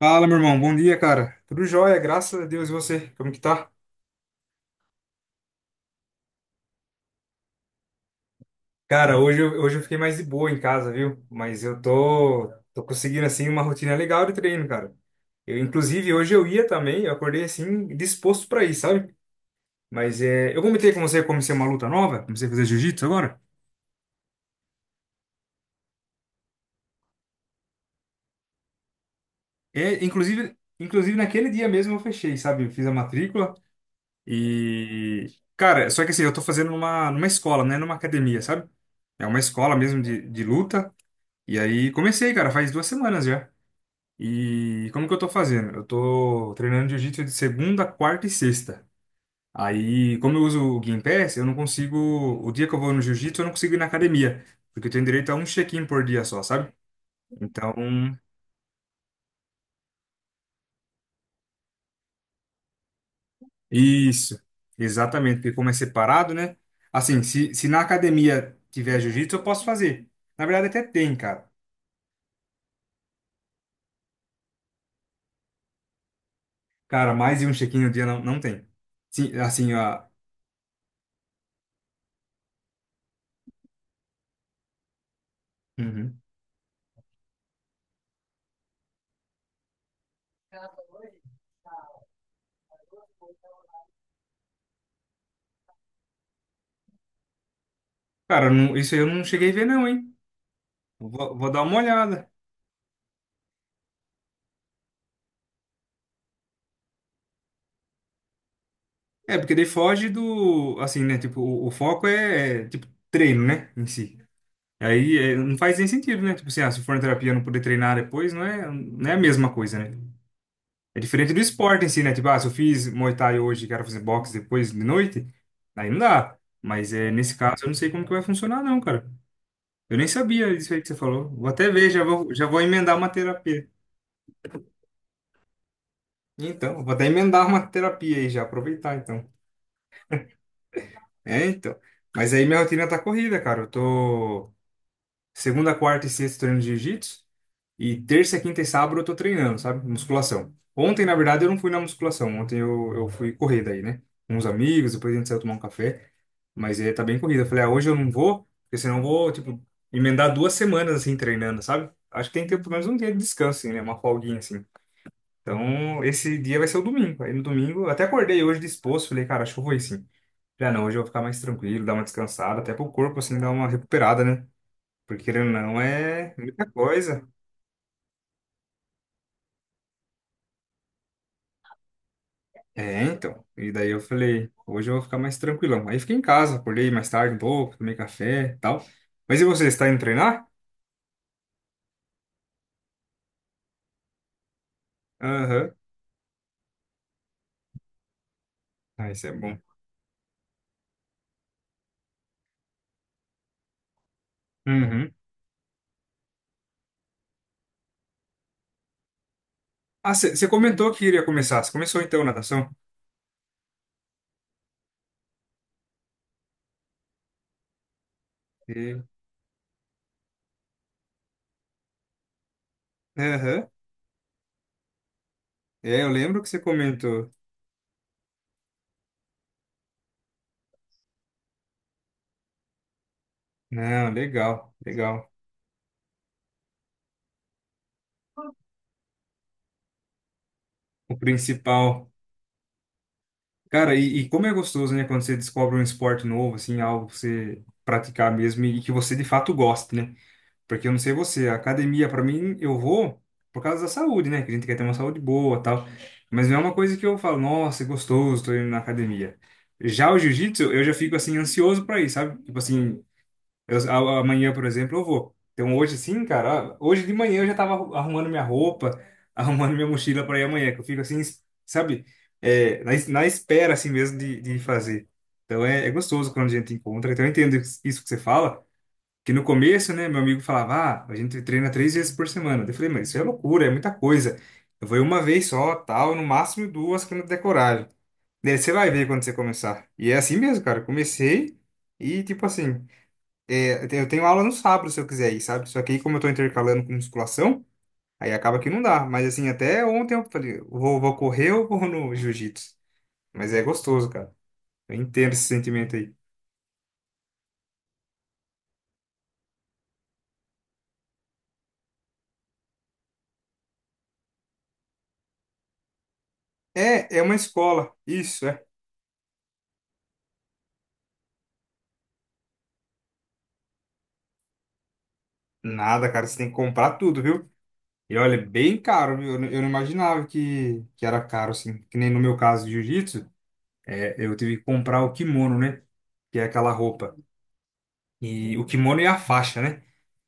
Fala, meu irmão. Bom dia, cara. Tudo jóia, graças a Deus. E você? Como que tá? Cara, hoje eu fiquei mais de boa em casa, viu? Mas eu tô conseguindo, assim, uma rotina legal de treino, cara. Eu, inclusive, hoje eu ia também. Eu acordei, assim, disposto pra ir, sabe? Mas é, eu comentei com você, eu comecei uma luta nova. Comecei a fazer jiu-jitsu agora. É, inclusive, naquele dia mesmo eu fechei, sabe? Eu fiz a matrícula e... Cara, só que assim, eu tô fazendo numa escola, né? Numa academia, sabe? É uma escola mesmo de luta. E aí comecei, cara, faz 2 semanas já. E como que eu tô fazendo? Eu tô treinando jiu-jitsu de segunda, quarta e sexta. Aí, como eu uso o Gympass, eu não consigo. O dia que eu vou no jiu-jitsu, eu não consigo ir na academia. Porque eu tenho direito a um check-in por dia só, sabe? Então, isso. Exatamente, porque como é separado, né? Assim, se na academia tiver jiu-jitsu, eu posso fazer. Na verdade, até tem, cara. Cara, mais de um check-in no dia não, não tem. Sim, assim, ó. Uhum. Cara, isso aí eu não cheguei a ver, não, hein? Vou dar uma olhada. É, porque daí foge do. Assim, né? Tipo, o foco é, tipo, treino, né? Em si. Aí é, não faz nem sentido, né? Tipo assim, ah, se for na terapia não poder treinar depois, não é, não é a mesma coisa, né? É diferente do esporte em si, né? Tipo, ah, se eu fiz Muay Thai hoje e quero fazer boxe depois de noite, aí não dá. Mas é, nesse caso eu não sei como que vai funcionar, não, cara. Eu nem sabia disso aí que você falou. Vou até ver, já vou emendar uma terapia. Então, vou até emendar uma terapia aí já, aproveitar então. É, então. Mas aí minha rotina tá corrida, cara. Eu tô segunda, quarta e sexta treinando jiu-jitsu e terça, quinta e sábado eu tô treinando, sabe? Musculação. Ontem, na verdade, eu não fui na musculação. Ontem eu fui correr daí, né? Com uns amigos, depois a gente saiu tomar um café. Mas aí tá bem corrida. Eu falei, ah, hoje eu não vou, porque senão eu vou, tipo, emendar duas semanas assim treinando, sabe? Acho que tem que ter pelo menos um dia de descanso, assim, né? Uma folguinha, assim. Então, esse dia vai ser o domingo. Aí no domingo, eu até acordei hoje disposto, falei, cara, acho que eu vou ir sim. Já não, hoje eu vou ficar mais tranquilo, dar uma descansada, até pro corpo, assim, dar uma recuperada, né? Porque querendo ou não, é muita coisa. É, então. E daí eu falei, hoje eu vou ficar mais tranquilão. Aí fiquei em casa, acordei mais tarde um pouco, tomei café e tal. Mas e você, está indo treinar? Aham. Ah, isso é bom. Uhum. Ah, você comentou que iria começar. Você começou então natação? E- Aham. É, eu lembro que você comentou. Não, legal, legal. O principal. Cara, e como é gostoso, né, quando você descobre um esporte novo, assim, algo pra você praticar mesmo e que você de fato goste, né? Porque eu não sei você, a academia, pra mim, eu vou por causa da saúde, né? Que a gente quer ter uma saúde boa tal. Mas não é uma coisa que eu falo, nossa, é gostoso, tô indo na academia. Já o jiu-jitsu, eu já fico, assim, ansioso pra ir, sabe? Tipo assim, amanhã, por exemplo, eu vou. Então hoje sim, cara, hoje de manhã eu já tava arrumando minha roupa, arrumando minha mochila para ir amanhã, que eu fico assim, sabe, é, na espera assim mesmo de fazer. Então é, é gostoso quando a gente encontra. Então eu entendo isso que você fala, que no começo, né, meu amigo falava, ah, a gente treina 3 vezes por semana. Eu falei, mas isso é loucura, é muita coisa. Eu vou ir uma vez só, tal, no máximo duas quando eu der coragem. Daí você vai ver quando você começar. E é assim mesmo, cara, eu comecei e tipo assim. É, eu tenho aula no sábado, se eu quiser ir, sabe? Só que aí, como eu tô intercalando com musculação, aí acaba que não dá. Mas assim, até ontem eu falei, vou correr ou vou no jiu-jitsu? Mas é gostoso, cara. Eu entendo esse sentimento aí. É, é uma escola. Isso, é. Nada, cara, você tem que comprar tudo, viu? E olha, é bem caro, viu? Não, eu não imaginava que era caro, assim. Que nem no meu caso de jiu-jitsu, é, eu tive que comprar o kimono, né? Que é aquela roupa. E o kimono e a faixa, né?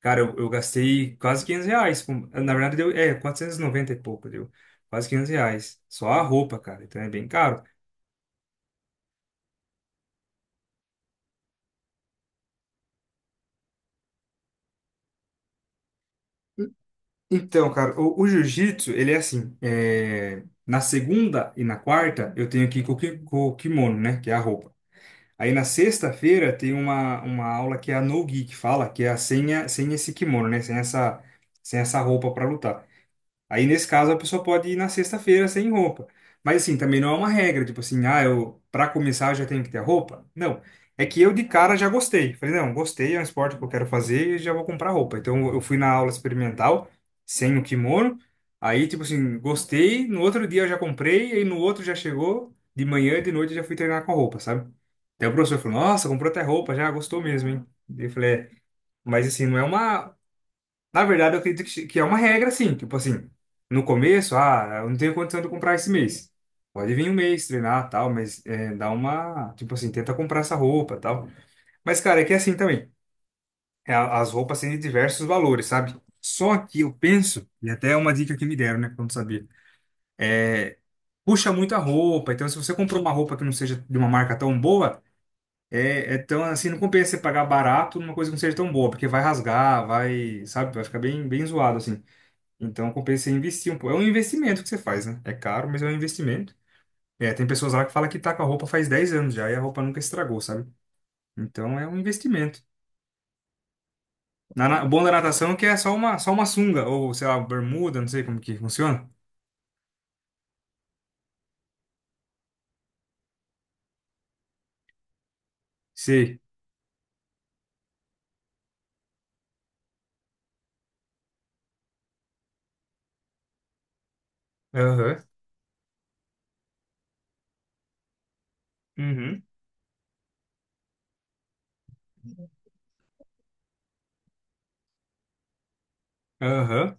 Cara, eu gastei quase R$ 500. Na verdade, deu, é, quatrocentos e noventa e pouco, deu. Quase R$ 500. Só a roupa, cara. Então é bem caro. Então, cara, o jiu-jitsu, ele é assim. Na segunda e na quarta, eu tenho que ir com o kimono, né? Que é a roupa. Aí na sexta-feira tem uma aula que é a no-gi, que fala que é a sem esse kimono, né? Sem essa, sem essa roupa para lutar. Aí, nesse caso, a pessoa pode ir na sexta-feira sem roupa. Mas, assim, também não é uma regra, tipo assim, ah, eu, pra começar, eu já tenho que ter a roupa. Não. É que eu, de cara, já gostei. Falei, não, gostei, é um esporte que eu quero fazer e já vou comprar roupa. Então, eu fui na aula experimental, sem o kimono. Aí, tipo assim, gostei, no outro dia eu já comprei, aí no outro já chegou, de manhã e de noite eu já fui treinar com a roupa, sabe? Daí o professor falou, nossa, comprou até roupa, já gostou mesmo, hein? Daí eu falei, é. Mas, assim, não é uma, na verdade, eu acredito que é uma regra, assim, tipo assim, no começo, ah, eu não tenho condição de comprar esse mês. Pode vir um mês treinar, tal, mas é, dá uma, tipo assim, tenta comprar essa roupa, tal. Mas, cara, é que é assim também, é, as roupas têm diversos valores, sabe? Só que eu penso, e até é uma dica que me deram, né, quando sabia, puxa muito a roupa, então se você comprou uma roupa que não seja de uma marca tão boa, é tão, assim, não compensa você pagar barato numa coisa que não seja tão boa, porque vai rasgar, vai, sabe, vai ficar bem, bem zoado, assim. Então compensa investir um pouco. É um investimento que você faz, né? É caro, mas é um investimento. É, tem pessoas lá que falam que tá com a roupa faz 10 anos já e a roupa nunca estragou, sabe? Então é um investimento. O bom da natação é que é só uma sunga, ou sei lá, bermuda, não sei como que funciona. Sei. Aham. Uhum. Aham.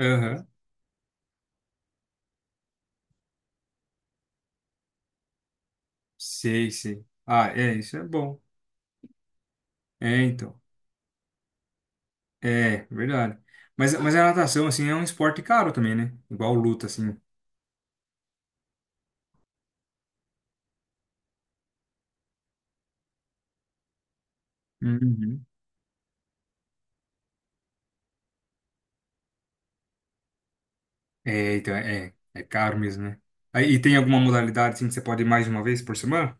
Aham. Sei, sei. Ah, é, isso é bom. É, então. É, verdade. Mas a natação, assim, é um esporte caro também, né? Igual luta, assim. Uhum. É, então, é caro mesmo, né? Aí, e tem alguma modalidade assim que você pode ir mais de uma vez por semana?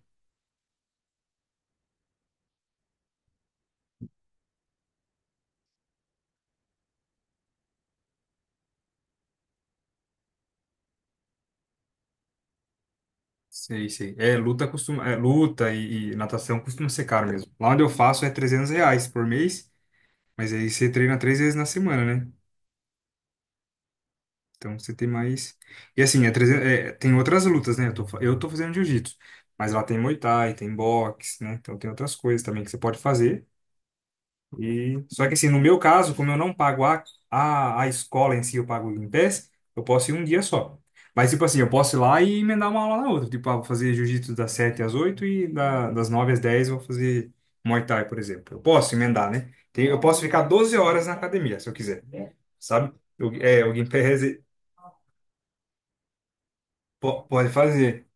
Sei, sei. É, luta costuma, é, luta e natação costuma ser caro mesmo. Lá onde eu faço é R$ 300 por mês, mas aí você treina 3 vezes na semana, né? Então você tem mais. E assim, é 300, é, tem outras lutas, né? Eu tô, eu tô fazendo jiu-jitsu, mas lá tem Muay Thai, tem boxe, né? Então tem outras coisas também que você pode fazer. E... Só que assim, no meu caso, como eu não pago a, a escola em si, eu pago o Gympass, eu posso ir um dia só. Mas tipo assim, eu posso ir lá e emendar uma aula na outra. Tipo, ah, vou fazer jiu-jitsu das 7h às 8h e das 9h às 10h eu vou fazer Muay Thai, por exemplo. Eu posso emendar, né? Tem- Eu posso ficar 12 horas na academia, se eu quiser, sabe? Eu, é, o Gympass pode fazer,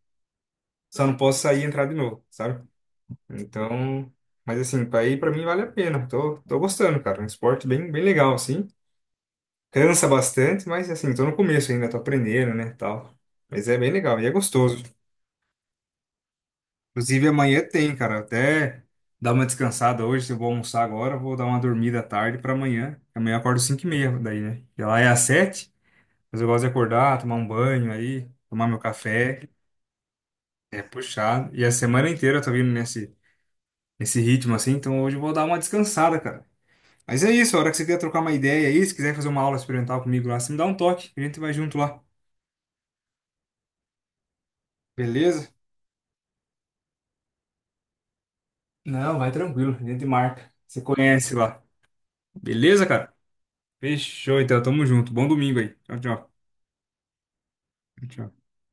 só não posso sair e entrar de novo, sabe? Então... Mas assim, pra ir pra mim vale a pena. Tô gostando, cara. É um esporte bem, bem legal, assim. Cansa bastante, mas assim, tô no começo ainda, tô aprendendo, né, tal. Mas é bem legal e é gostoso. Inclusive amanhã tem, cara, até dar uma descansada hoje, se eu vou almoçar agora, eu vou dar uma dormida à tarde pra amanhã. Amanhã eu acordo 5h30 daí, né? E lá é às 7h. Mas eu gosto de acordar, tomar um banho aí, tomar meu café, é puxado. E a semana inteira eu tô vindo nesse ritmo assim, então hoje eu vou dar uma descansada, cara. Mas é isso, a hora que você quiser trocar uma ideia aí, se quiser fazer uma aula experimental comigo lá, você me dá um toque, a gente vai junto lá. Beleza? Não, vai tranquilo, a gente marca. Você conhece lá. Beleza, cara? Fechou, então. Tamo junto. Bom domingo aí. Tchau, tchau. Tchau.